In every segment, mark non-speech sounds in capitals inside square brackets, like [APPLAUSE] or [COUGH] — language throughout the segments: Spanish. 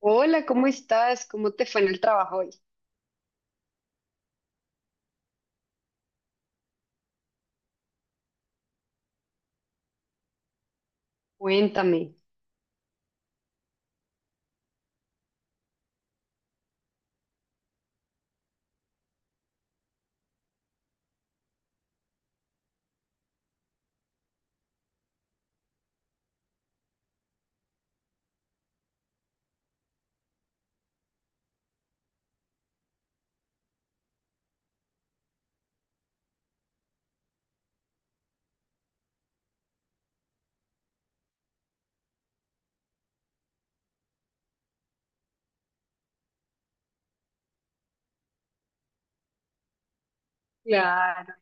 Hola, ¿cómo estás? ¿Cómo te fue en el trabajo hoy? Cuéntame. Claro.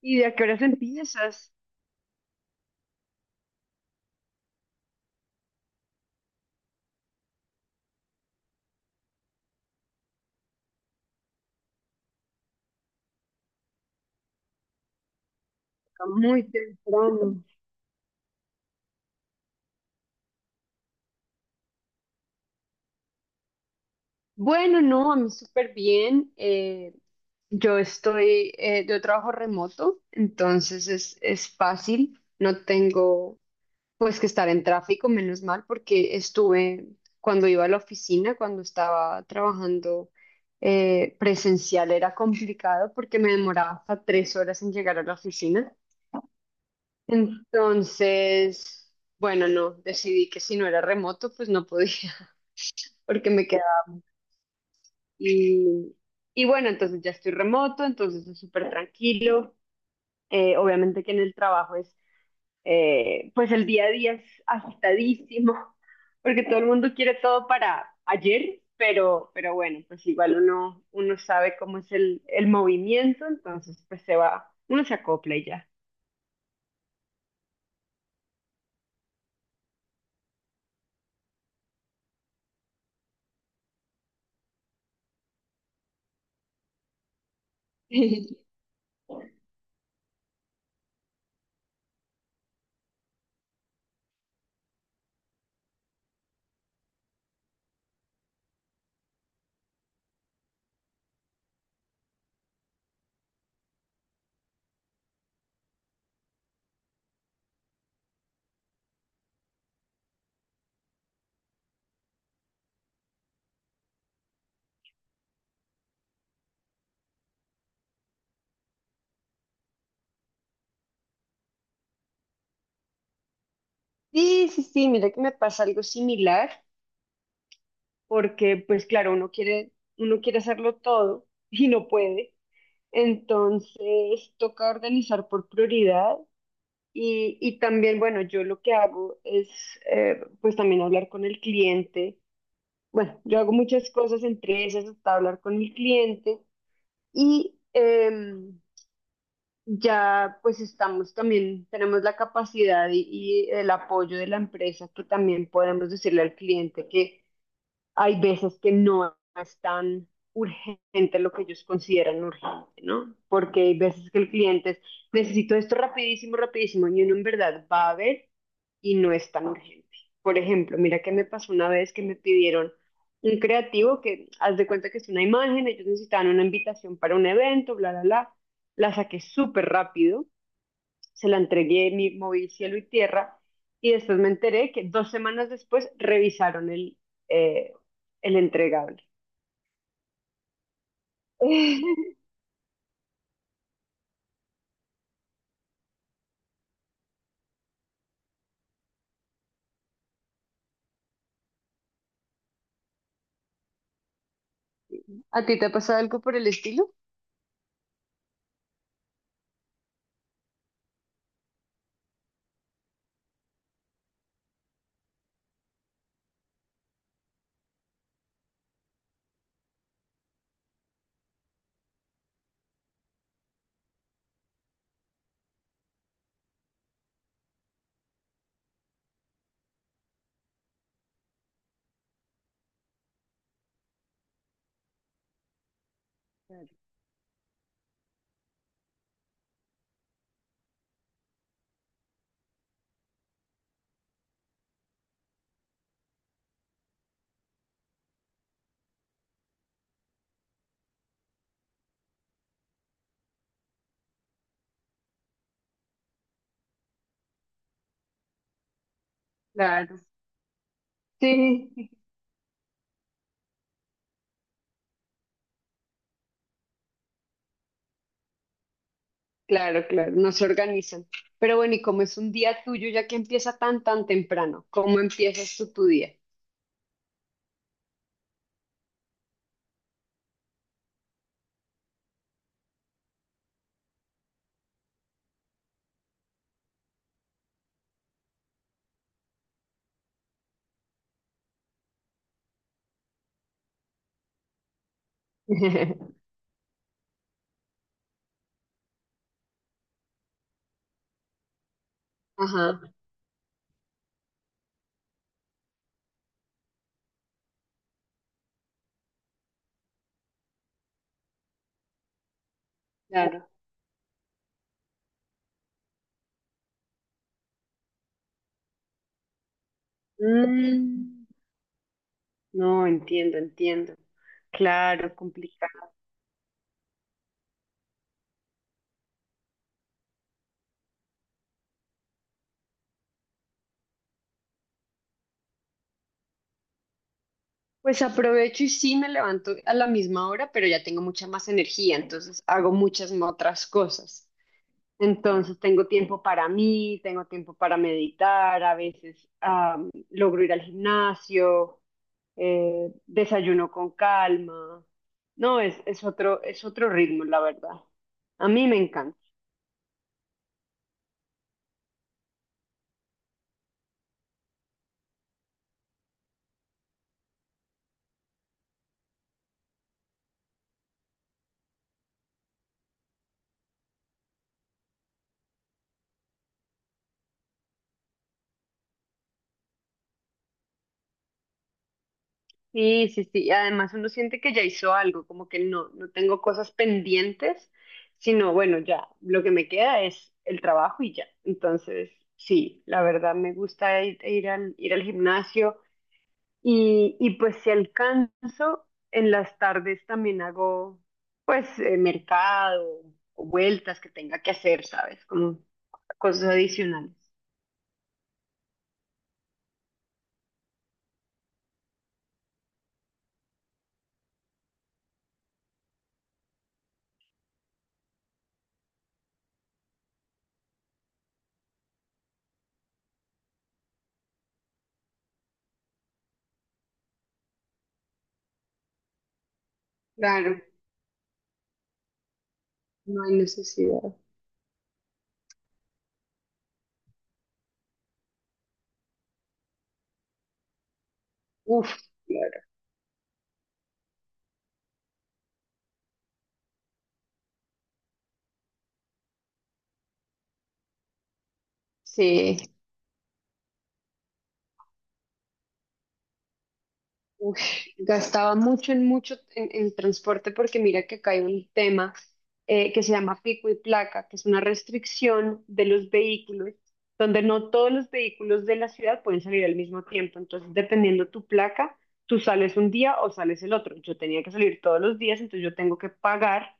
¿Y de a qué horas empiezas? Está muy temprano. Bueno, no, a mí súper bien. Yo estoy, yo trabajo remoto, entonces es fácil. No tengo pues que estar en tráfico, menos mal, porque estuve cuando iba a la oficina, cuando estaba trabajando presencial, era complicado porque me demoraba hasta 3 horas en llegar a la oficina. Entonces, bueno, no, decidí que si no era remoto, pues no podía, [LAUGHS] porque me quedaba. Y, y bueno, entonces ya estoy remoto, entonces es súper tranquilo. Obviamente que en el trabajo es, pues el día a día es agitadísimo, [LAUGHS] porque todo el mundo quiere todo para ayer, pero bueno, pues igual uno, uno sabe cómo es el movimiento, entonces pues se va, uno se acopla y ya. [LAUGHS] Sí, sí, sí, mira que me pasa algo similar. Porque pues claro, uno quiere hacerlo todo y no puede. Entonces toca organizar por prioridad y también, bueno, yo lo que hago es pues también hablar con el cliente. Bueno, yo hago muchas cosas entre esas hasta hablar con el cliente y ya pues estamos también, tenemos la capacidad y el apoyo de la empresa que también podemos decirle al cliente que hay veces que no es tan urgente lo que ellos consideran urgente, ¿no? Porque hay veces que el cliente es, necesito esto rapidísimo, rapidísimo, y uno en verdad va a ver y no es tan urgente. Por ejemplo, mira que me pasó una vez que me pidieron un creativo que, haz de cuenta que es una imagen, ellos necesitaban una invitación para un evento, bla, bla, bla, la saqué súper rápido, se la entregué, mi, moví cielo y tierra, y después me enteré que dos semanas después revisaron eh, el entregable. [LAUGHS] ¿A ti te ha pasado algo por el estilo? Claro, sí, claro, claro, no se organizan. Pero bueno, ¿y cómo es un día tuyo ya que empieza tan, tan temprano? ¿Cómo empiezas tú tu día? [LAUGHS] Ajá, claro. Mm, no, entiendo, entiendo. Claro, complicado. Pues aprovecho y sí me levanto a la misma hora, pero ya tengo mucha más energía, entonces hago muchas más otras cosas. Entonces tengo tiempo para mí, tengo tiempo para meditar, a veces logro ir al gimnasio, desayuno con calma. No, es otro ritmo, la verdad. A mí me encanta. Sí, sí, sí. Y además uno siente que ya hizo algo, como que no, no tengo cosas pendientes, sino bueno, ya lo que me queda es el trabajo y ya. Entonces, sí, la verdad me gusta ir, ir al gimnasio y pues si alcanzo, en las tardes también hago pues mercado o vueltas que tenga que hacer, ¿sabes? Como cosas adicionales. Claro, no hay necesidad. Uf, claro. Sí. Uy, gastaba mucho en mucho en transporte porque mira que acá hay un tema que se llama pico y placa, que es una restricción de los vehículos, donde no todos los vehículos de la ciudad pueden salir al mismo tiempo. Entonces, dependiendo tu placa, tú sales un día o sales el otro. Yo tenía que salir todos los días, entonces yo tengo que pagar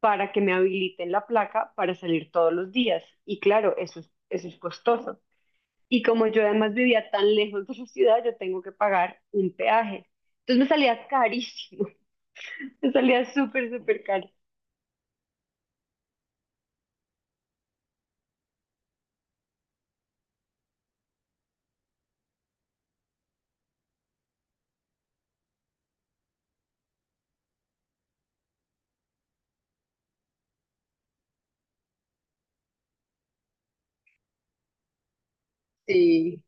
para que me habiliten la placa para salir todos los días. Y claro, eso es costoso. Y como yo además vivía tan lejos de su ciudad, yo tengo que pagar un peaje. Entonces me salía carísimo, [LAUGHS] me salía súper, súper caro. Sí,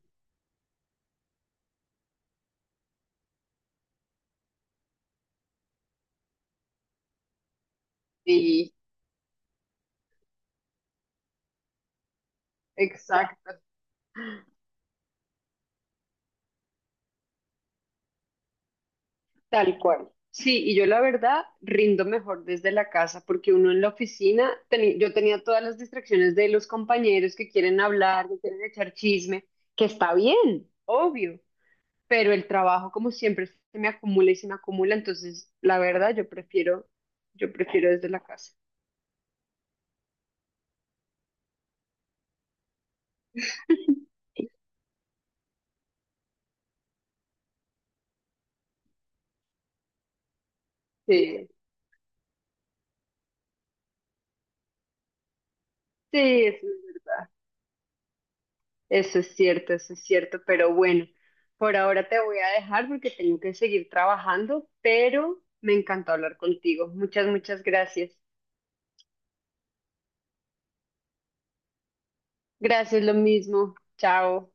sí, exacto. Tal cual. Sí, y yo la verdad rindo mejor desde la casa porque uno en la oficina, teni- yo tenía todas las distracciones de los compañeros que quieren hablar, que quieren echar chisme, que está bien, obvio, pero el trabajo como siempre se me acumula y se me acumula, entonces la verdad yo prefiero desde la casa. Sí, sí, eso, eso es cierto, pero bueno, por ahora te voy a dejar porque tengo que seguir trabajando, pero me encantó hablar contigo. Muchas, muchas gracias. Gracias, lo mismo. Chao.